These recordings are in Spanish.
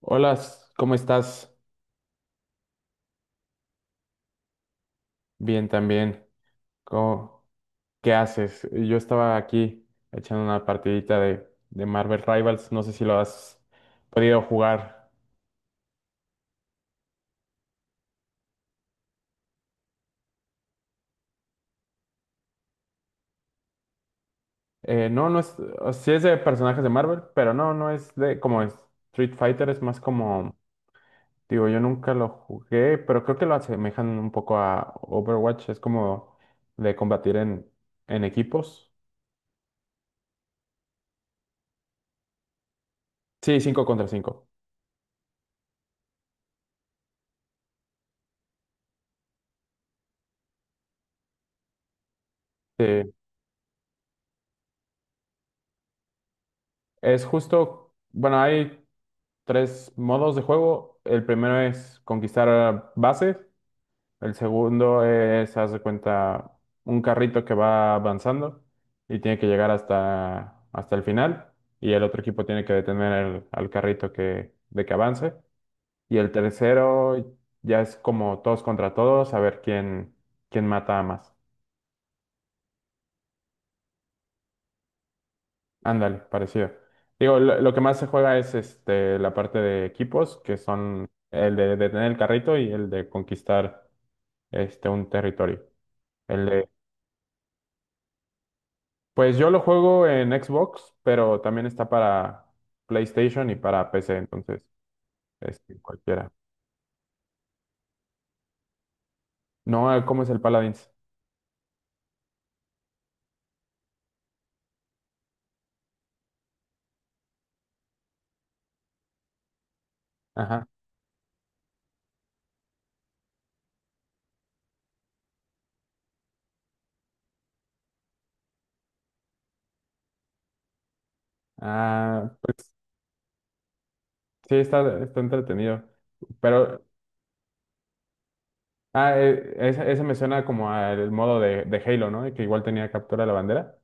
Hola, ¿cómo estás? Bien también. ¿Cómo- ¿Qué haces? Yo estaba aquí echando una partidita de Marvel Rivals. No sé si lo has podido jugar. No, no es. Sí es de personajes de Marvel, pero no, no es de como es Street Fighter. Es más como. Digo, yo nunca lo jugué, pero creo que lo asemejan un poco a Overwatch. Es como de combatir en equipos. Sí, cinco contra 5. Sí, es justo, bueno, hay tres modos de juego. El primero es conquistar bases. El segundo es, haz de cuenta, un carrito que va avanzando y tiene que llegar hasta el final. Y el otro equipo tiene que detener al carrito que de que avance. Y el tercero ya es como todos contra todos, a ver quién mata a más. Ándale, parecido. Digo, lo que más se juega es este, la parte de equipos, que son el de detener el carrito y el de conquistar este, un territorio. El de, pues yo lo juego en Xbox, pero también está para PlayStation y para PC, entonces, este, cualquiera. No, ah, ¿cómo es el Paladins? Ajá. Ah, pues sí, está entretenido. Pero, ese me suena como al modo de Halo, ¿no? Que igual tenía captura de la bandera.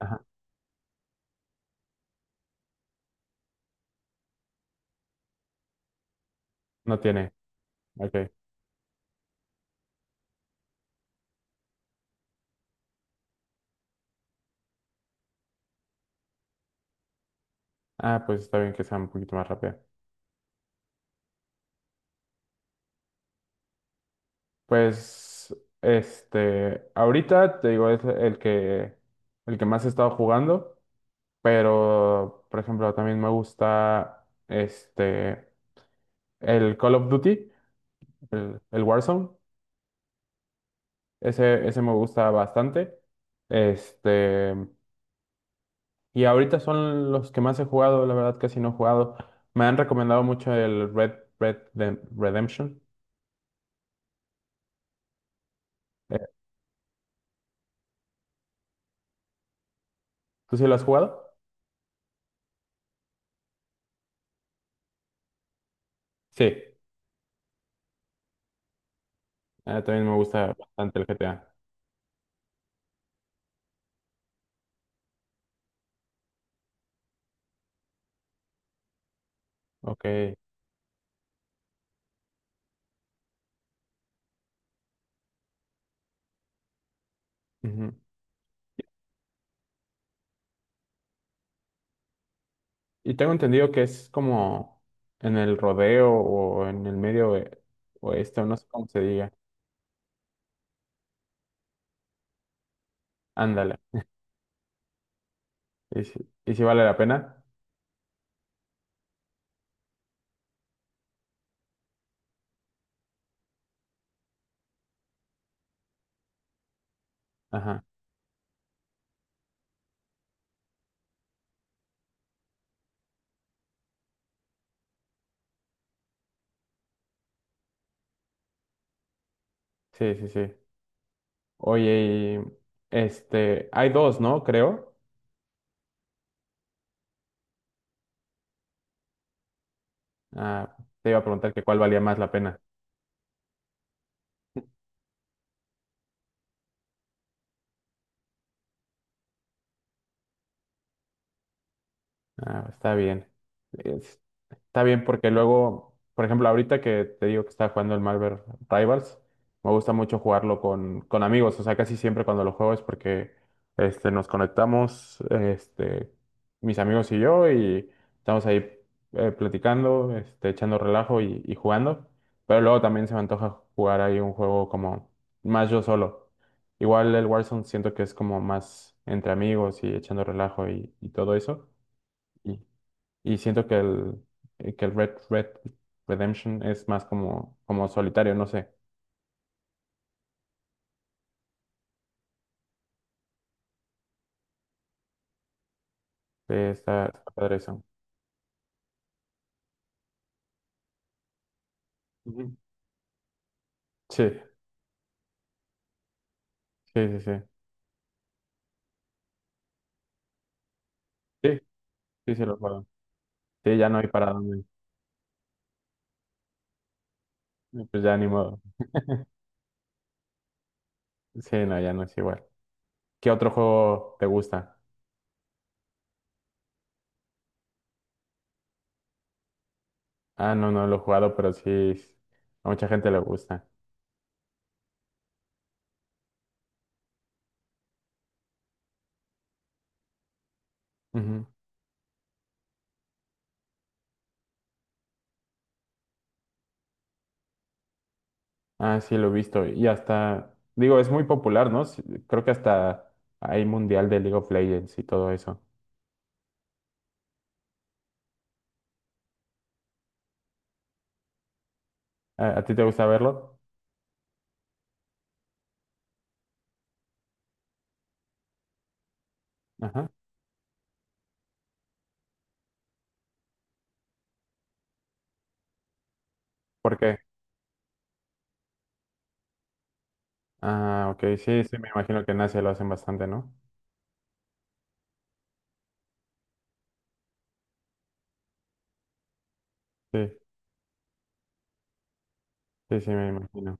Ajá. No tiene. Ok. Ah, pues está bien que sea un poquito más rápido. Pues, este, ahorita te digo, es el que más he estado jugando, pero, por ejemplo, también me gusta, este, el Call of Duty, el Warzone, ese me gusta bastante, este, y ahorita son los que más he jugado, la verdad casi no he jugado, me han recomendado mucho el Red, Redemption. Eh, ¿Tú sí lo has jugado? Sí. Ah, también me gusta bastante el GTA, ok. Ujú. Y tengo entendido que es como en el rodeo o en el medio oeste, o no sé cómo se diga. Ándale. ¿Y y si vale la pena? Ajá. Sí, sí, sí. Oye, y este, hay dos, ¿no? Creo. Ah, te iba a preguntar que cuál valía más la pena. Ah, está bien. Es- Está bien porque luego, por ejemplo, ahorita que te digo que estaba jugando el Marvel Rivals, me gusta mucho jugarlo con amigos. O sea, casi siempre cuando lo juego es porque este, nos conectamos, este, mis amigos y yo, y estamos ahí platicando, este, echando relajo y jugando. Pero luego también se me antoja jugar ahí un juego como más yo solo. Igual el Warzone siento que es como más entre amigos y echando relajo y todo eso. Y siento que el Red, Redemption es más como, como solitario, no sé. Está, está padre eso. Ujú. Sí, sí, sí, sí. Sí, sí, sí lo juego. Sí, ya no hay para dónde. Pues ya ni modo. Sí, no, ya no es igual. ¿Qué otro juego te gusta? Ah, no, no lo he jugado, pero sí, s- a mucha gente le gusta. Ujú. Ah, sí, lo he visto. Y hasta, digo, es muy popular, ¿no? Sí. Creo que hasta hay mundial de League of Legends y todo eso. A ti te gusta verlo? Ajá. ¿Por qué? Ah, ok, sí, sí, me imagino que en Asia lo hacen bastante, ¿no? Sí, sí, sí, me imagino.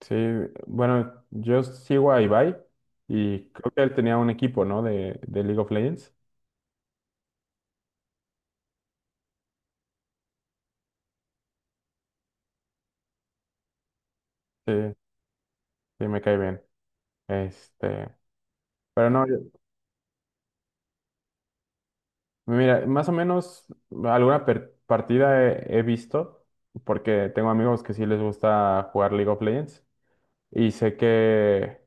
Sí, bueno, yo sigo a Ibai y creo que él tenía un equipo, ¿no? De League of Legends. Sí, sí, me cae bien. Este, pero no, mira, más o menos alguna partida he visto, porque tengo amigos que sí les gusta jugar League of Legends y sé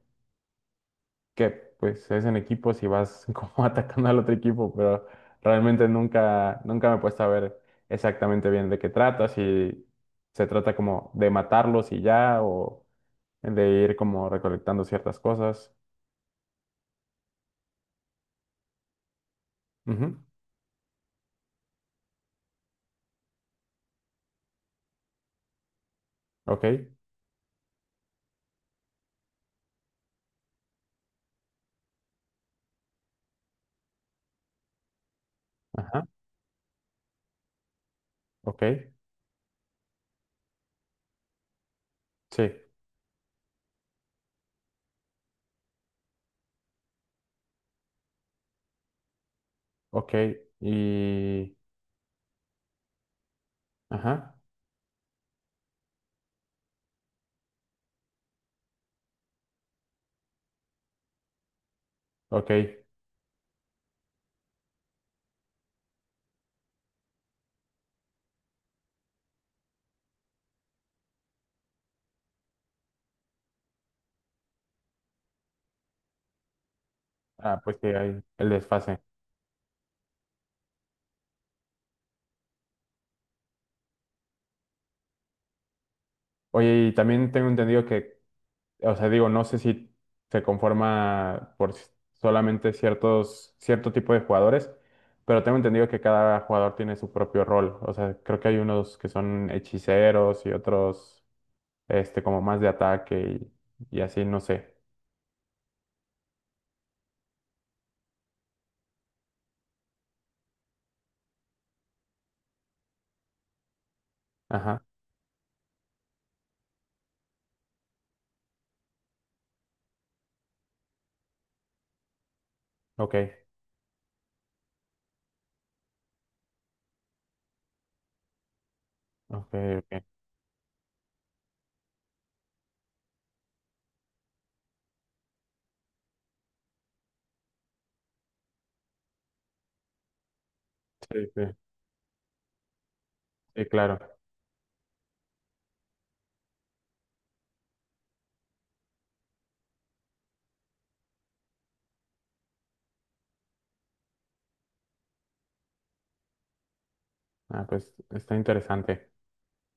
que pues es en equipos y vas como atacando al otro equipo, pero realmente nunca me he puesto a ver exactamente bien de qué trata, si se trata como de matarlos y ya, o de ir como recolectando ciertas cosas. Ujú, ok, ajá, ok, sí, ok, y ajá, ok. Ah, pues sí, hay el desfase. Oye, y también tengo entendido que. O sea, digo, no sé si se conforma por solamente ciertos, cierto tipo de jugadores, pero tengo entendido que cada jugador tiene su propio rol. O sea, creo que hay unos que son hechiceros y otros, este, como más de ataque y así, no sé. Ajá, ok, ok, ok. Sí, sí, sí, claro. Ah, pues está interesante.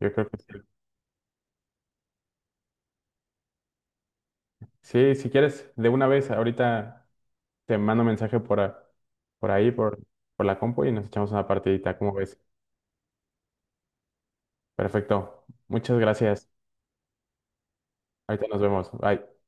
Yo creo que sí. Sí, si quieres, de una vez, ahorita te mando mensaje por ahí, por la compu y nos echamos una partidita, ¿cómo ves? Perfecto. Muchas gracias. Ahorita nos vemos. Bye.